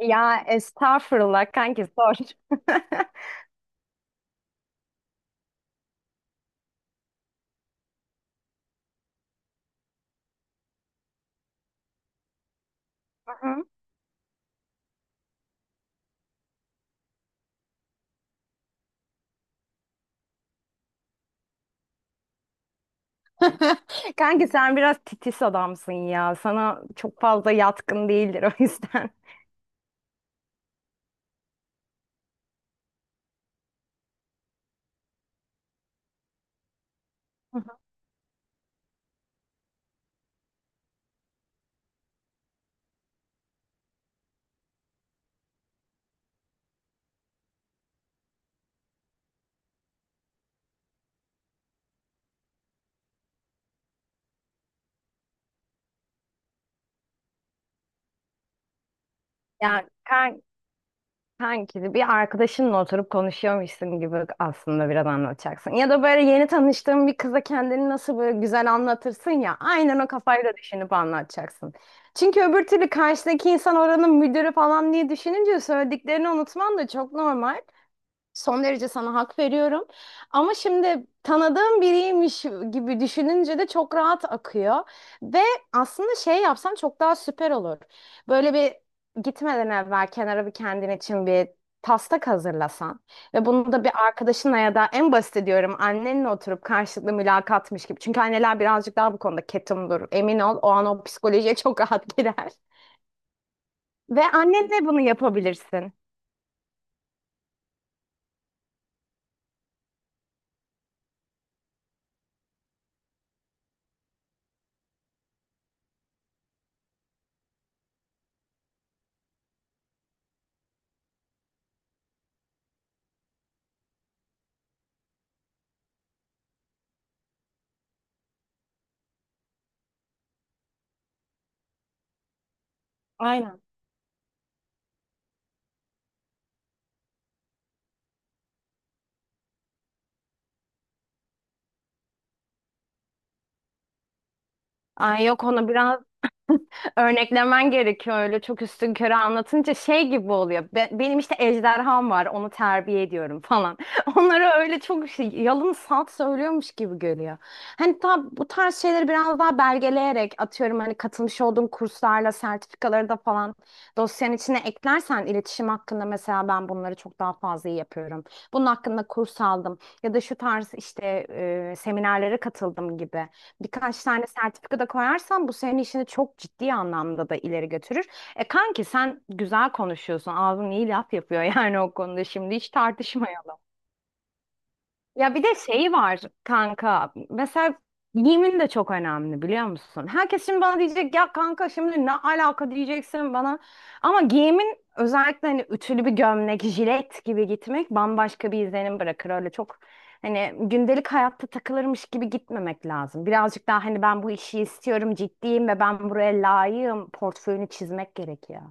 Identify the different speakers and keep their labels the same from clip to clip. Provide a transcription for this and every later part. Speaker 1: Ya estağfurullah kanki sor. Kanki sen biraz titiz adamsın ya. Sana çok fazla yatkın değildir o yüzden. Hı hı. Yani kan Kanki bir arkadaşınla oturup konuşuyormuşsun gibi aslında biraz anlatacaksın. Ya da böyle yeni tanıştığın bir kıza kendini nasıl böyle güzel anlatırsın ya. Aynen o kafayla düşünüp anlatacaksın. Çünkü öbür türlü karşıdaki insan oranın müdürü falan diye düşününce söylediklerini unutman da çok normal. Son derece sana hak veriyorum. Ama şimdi tanıdığım biriymiş gibi düşününce de çok rahat akıyor. Ve aslında şey yapsan çok daha süper olur. Böyle bir gitmeden evvel kenara bir kendin için bir taslak hazırlasan ve bunu da bir arkadaşınla ya da en basit diyorum annenle oturup karşılıklı mülakatmış gibi. Çünkü anneler birazcık daha bu konuda ketumdur. Emin ol o an o psikolojiye çok rahat girer. Ve annenle bunu yapabilirsin. Aynen. Ay yok onu biraz örneklemen gerekiyor, öyle çok üstünkörü anlatınca şey gibi oluyor. Benim işte ejderham var onu terbiye ediyorum falan. Onlara öyle çok şey, yalın salt söylüyormuş gibi görüyor. Hani tam bu tarz şeyleri biraz daha belgeleyerek, atıyorum hani katılmış olduğun kurslarla sertifikaları da falan dosyanın içine eklersen, iletişim hakkında mesela ben bunları çok daha fazla iyi yapıyorum. Bunun hakkında kurs aldım ya da şu tarz işte seminerlere katıldım gibi birkaç tane sertifika da koyarsan bu senin işini çok ciddi anlamda da ileri götürür. E kanki sen güzel konuşuyorsun. Ağzın iyi laf yapıyor yani o konuda şimdi hiç tartışma yok. Ya bir de şeyi var kanka. Mesela giyimin de çok önemli biliyor musun? Herkes şimdi bana diyecek ya kanka şimdi ne alaka diyeceksin bana. Ama giyimin özellikle hani ütülü bir gömlek, jilet gibi gitmek bambaşka bir izlenim bırakır. Öyle çok hani gündelik hayatta takılırmış gibi gitmemek lazım. Birazcık daha hani ben bu işi istiyorum, ciddiyim ve ben buraya layığım portföyünü çizmek gerekiyor.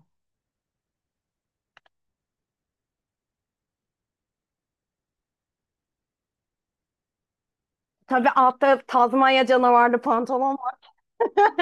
Speaker 1: Tabii altta Tazmanya canavarlı pantolon var.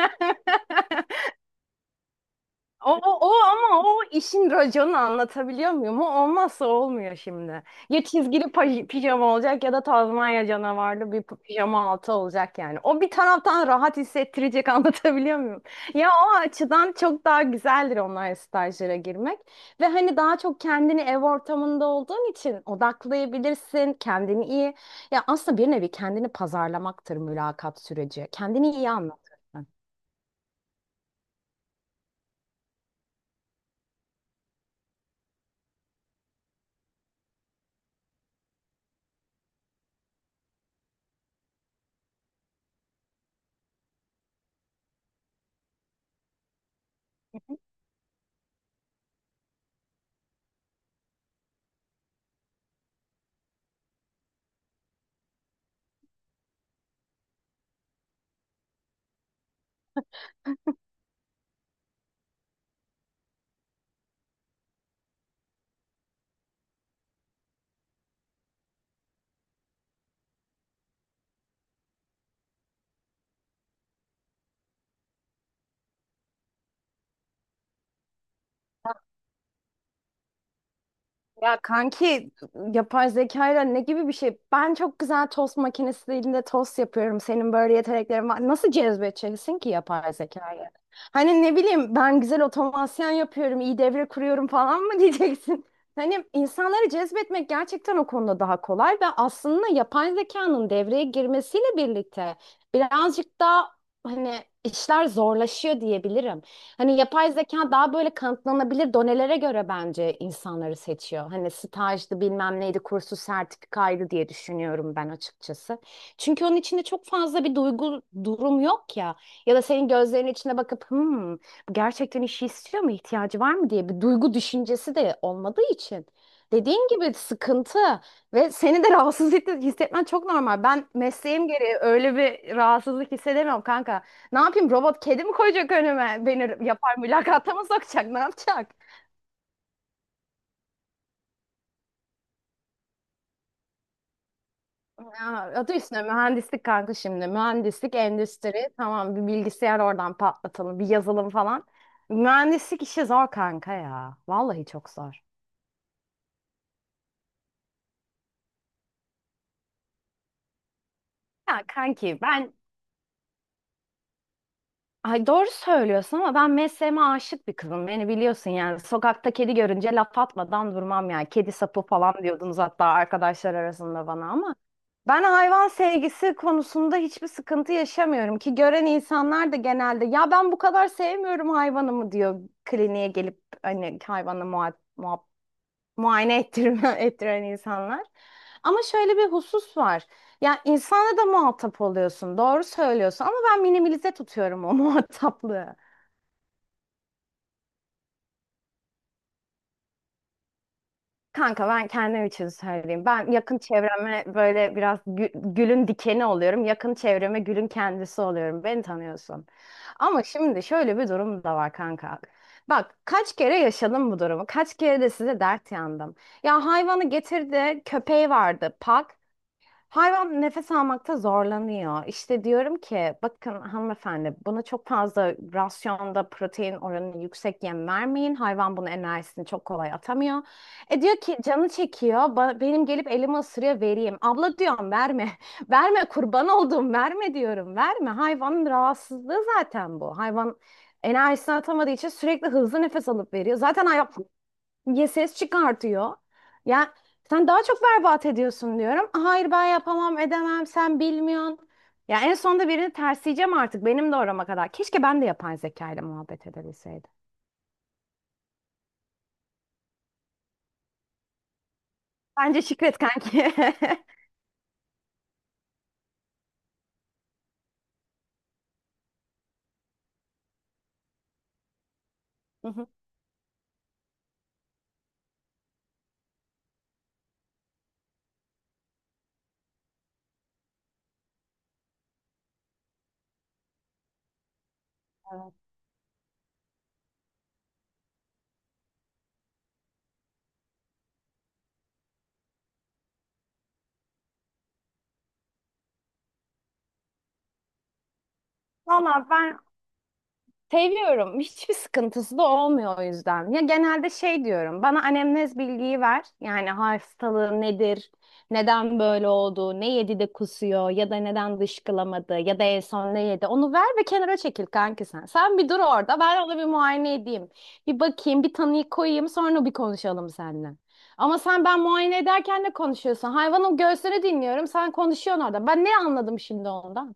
Speaker 1: O ama o işin raconu, anlatabiliyor muyum? O olmazsa olmuyor şimdi. Ya çizgili pijama olacak ya da Tazmanya canavarlı bir pijama altı olacak yani. O bir taraftan rahat hissettirecek, anlatabiliyor muyum? Ya o açıdan çok daha güzeldir online stajlara girmek. Ve hani daha çok kendini ev ortamında olduğun için odaklayabilirsin, kendini iyi. Ya aslında bir nevi kendini pazarlamaktır mülakat süreci. Kendini iyi anlat. Heh. Hı. Ya kanki yapay zekayla ne gibi bir şey? Ben çok güzel tost makinesiyle tost yapıyorum. Senin böyle yeteneklerin var. Nasıl cezbedeceksin ki yapay zekayı? Hani ne bileyim ben güzel otomasyon yapıyorum, iyi devre kuruyorum falan mı diyeceksin? Hani insanları cezbetmek gerçekten o konuda daha kolay ve aslında yapay zekanın devreye girmesiyle birlikte birazcık daha hani işler zorlaşıyor diyebilirim. Hani yapay zeka daha böyle kanıtlanabilir donelere göre bence insanları seçiyor. Hani stajdı bilmem neydi kursu sertifikaydı diye düşünüyorum ben açıkçası. Çünkü onun içinde çok fazla bir duygu durum yok ya. Ya da senin gözlerin içine bakıp hmm, bu gerçekten işi istiyor mu, ihtiyacı var mı diye bir duygu düşüncesi de olmadığı için. Dediğin gibi sıkıntı ve seni de rahatsız hissetmen çok normal. Ben mesleğim gereği öyle bir rahatsızlık hissedemiyorum kanka. Ne yapayım, robot kedi mi koyacak önüme? Beni yapar mülakata mı sokacak? Ne yapacak? Ya, adı üstüne mühendislik kanka şimdi. Mühendislik, endüstri. Tamam, bir bilgisayar oradan patlatalım. Bir yazılım falan. Mühendislik işi zor kanka ya. Vallahi çok zor. Ya kanki ben, ay doğru söylüyorsun ama ben mesleğime aşık bir kızım. Beni biliyorsun yani. Sokakta kedi görünce laf atmadan durmam yani. Kedi sapı falan diyordunuz hatta arkadaşlar arasında bana, ama ben hayvan sevgisi konusunda hiçbir sıkıntı yaşamıyorum ki, gören insanlar da genelde ya ben bu kadar sevmiyorum hayvanımı diyor kliniğe gelip, hani hayvanla muhabbet, muayene ettirme, ettiren insanlar. Ama şöyle bir husus var. Ya insanla da muhatap oluyorsun. Doğru söylüyorsun ama ben minimalize tutuyorum o muhataplığı. Kanka ben kendim için söyleyeyim. Ben yakın çevreme böyle biraz gülün dikeni oluyorum. Yakın çevreme gülün kendisi oluyorum. Beni tanıyorsun. Ama şimdi şöyle bir durum da var kanka. Bak kaç kere yaşadım bu durumu. Kaç kere de size dert yandım. Ya hayvanı getirdi, köpeği vardı, pak. Hayvan nefes almakta zorlanıyor. İşte diyorum ki bakın hanımefendi, buna çok fazla rasyonda protein oranı yüksek yem vermeyin. Hayvan bunun enerjisini çok kolay atamıyor. E diyor ki canı çekiyor. Benim gelip elimi ısırıyor, vereyim. Abla diyorum verme. Verme kurban olduğum, verme diyorum. Verme. Hayvanın rahatsızlığı zaten bu. Hayvan enerjisini atamadığı için sürekli hızlı nefes alıp veriyor. Zaten hayvan ya ses çıkartıyor. Ya sen daha çok berbat ediyorsun diyorum. Hayır ben yapamam edemem sen bilmiyorsun. Ya en sonunda birini tersleyeceğim artık benim de orama kadar. Keşke ben de yapay zeka ile muhabbet edebilseydim. Bence şükret kanki. Hı hı. Evet. Valla ben seviyorum. Hiçbir sıkıntısı da olmuyor o yüzden. Ya genelde şey diyorum. Bana anemnez bilgiyi ver. Yani hastalığı nedir? Neden böyle oldu? Ne yedi de kusuyor? Ya da neden dışkılamadı? Ya da en son ne yedi? Onu ver ve kenara çekil kanki sen. Sen bir dur orada. Ben ona bir muayene edeyim. Bir bakayım, bir tanıyı koyayım. Sonra bir konuşalım seninle. Ama sen ben muayene ederken ne konuşuyorsun? Hayvanın göğsünü dinliyorum. Sen konuşuyorsun orada. Ben ne anladım şimdi ondan?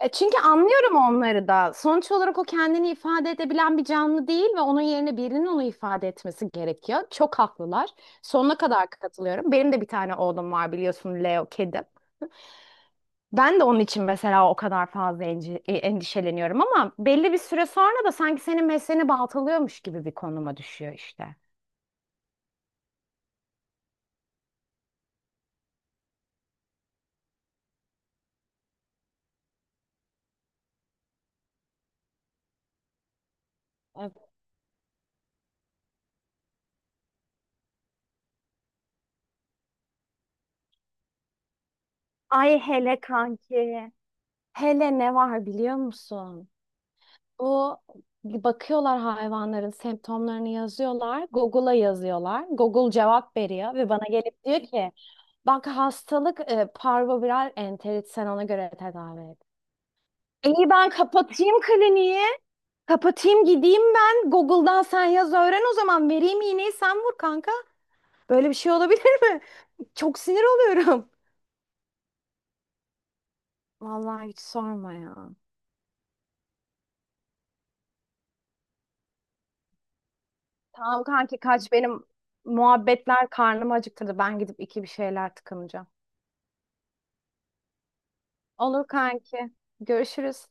Speaker 1: E çünkü anlıyorum onları da. Sonuç olarak o kendini ifade edebilen bir canlı değil ve onun yerine birinin onu ifade etmesi gerekiyor. Çok haklılar. Sonuna kadar katılıyorum. Benim de bir tane oğlum var biliyorsun, Leo kedim. Ben de onun için mesela o kadar fazla endişeleniyorum ama belli bir süre sonra da sanki senin mesleğini baltalıyormuş gibi bir konuma düşüyor işte. Evet. Ay hele kanki. Hele ne var biliyor musun? Bu, bakıyorlar hayvanların semptomlarını yazıyorlar. Google'a yazıyorlar. Google cevap veriyor ve bana gelip diyor ki bak hastalık parvoviral enterit, sen ona göre tedavi et. İyi ben kapatayım kliniği. Kapatayım gideyim ben. Google'dan sen yaz öğren o zaman. Vereyim iğneyi sen vur kanka. Böyle bir şey olabilir mi? Çok sinir oluyorum. Vallahi hiç sorma ya. Tamam kanki kaç, benim muhabbetler karnımı acıktırdı. Ben gidip iki bir şeyler tıkınacağım. Olur kanki. Görüşürüz.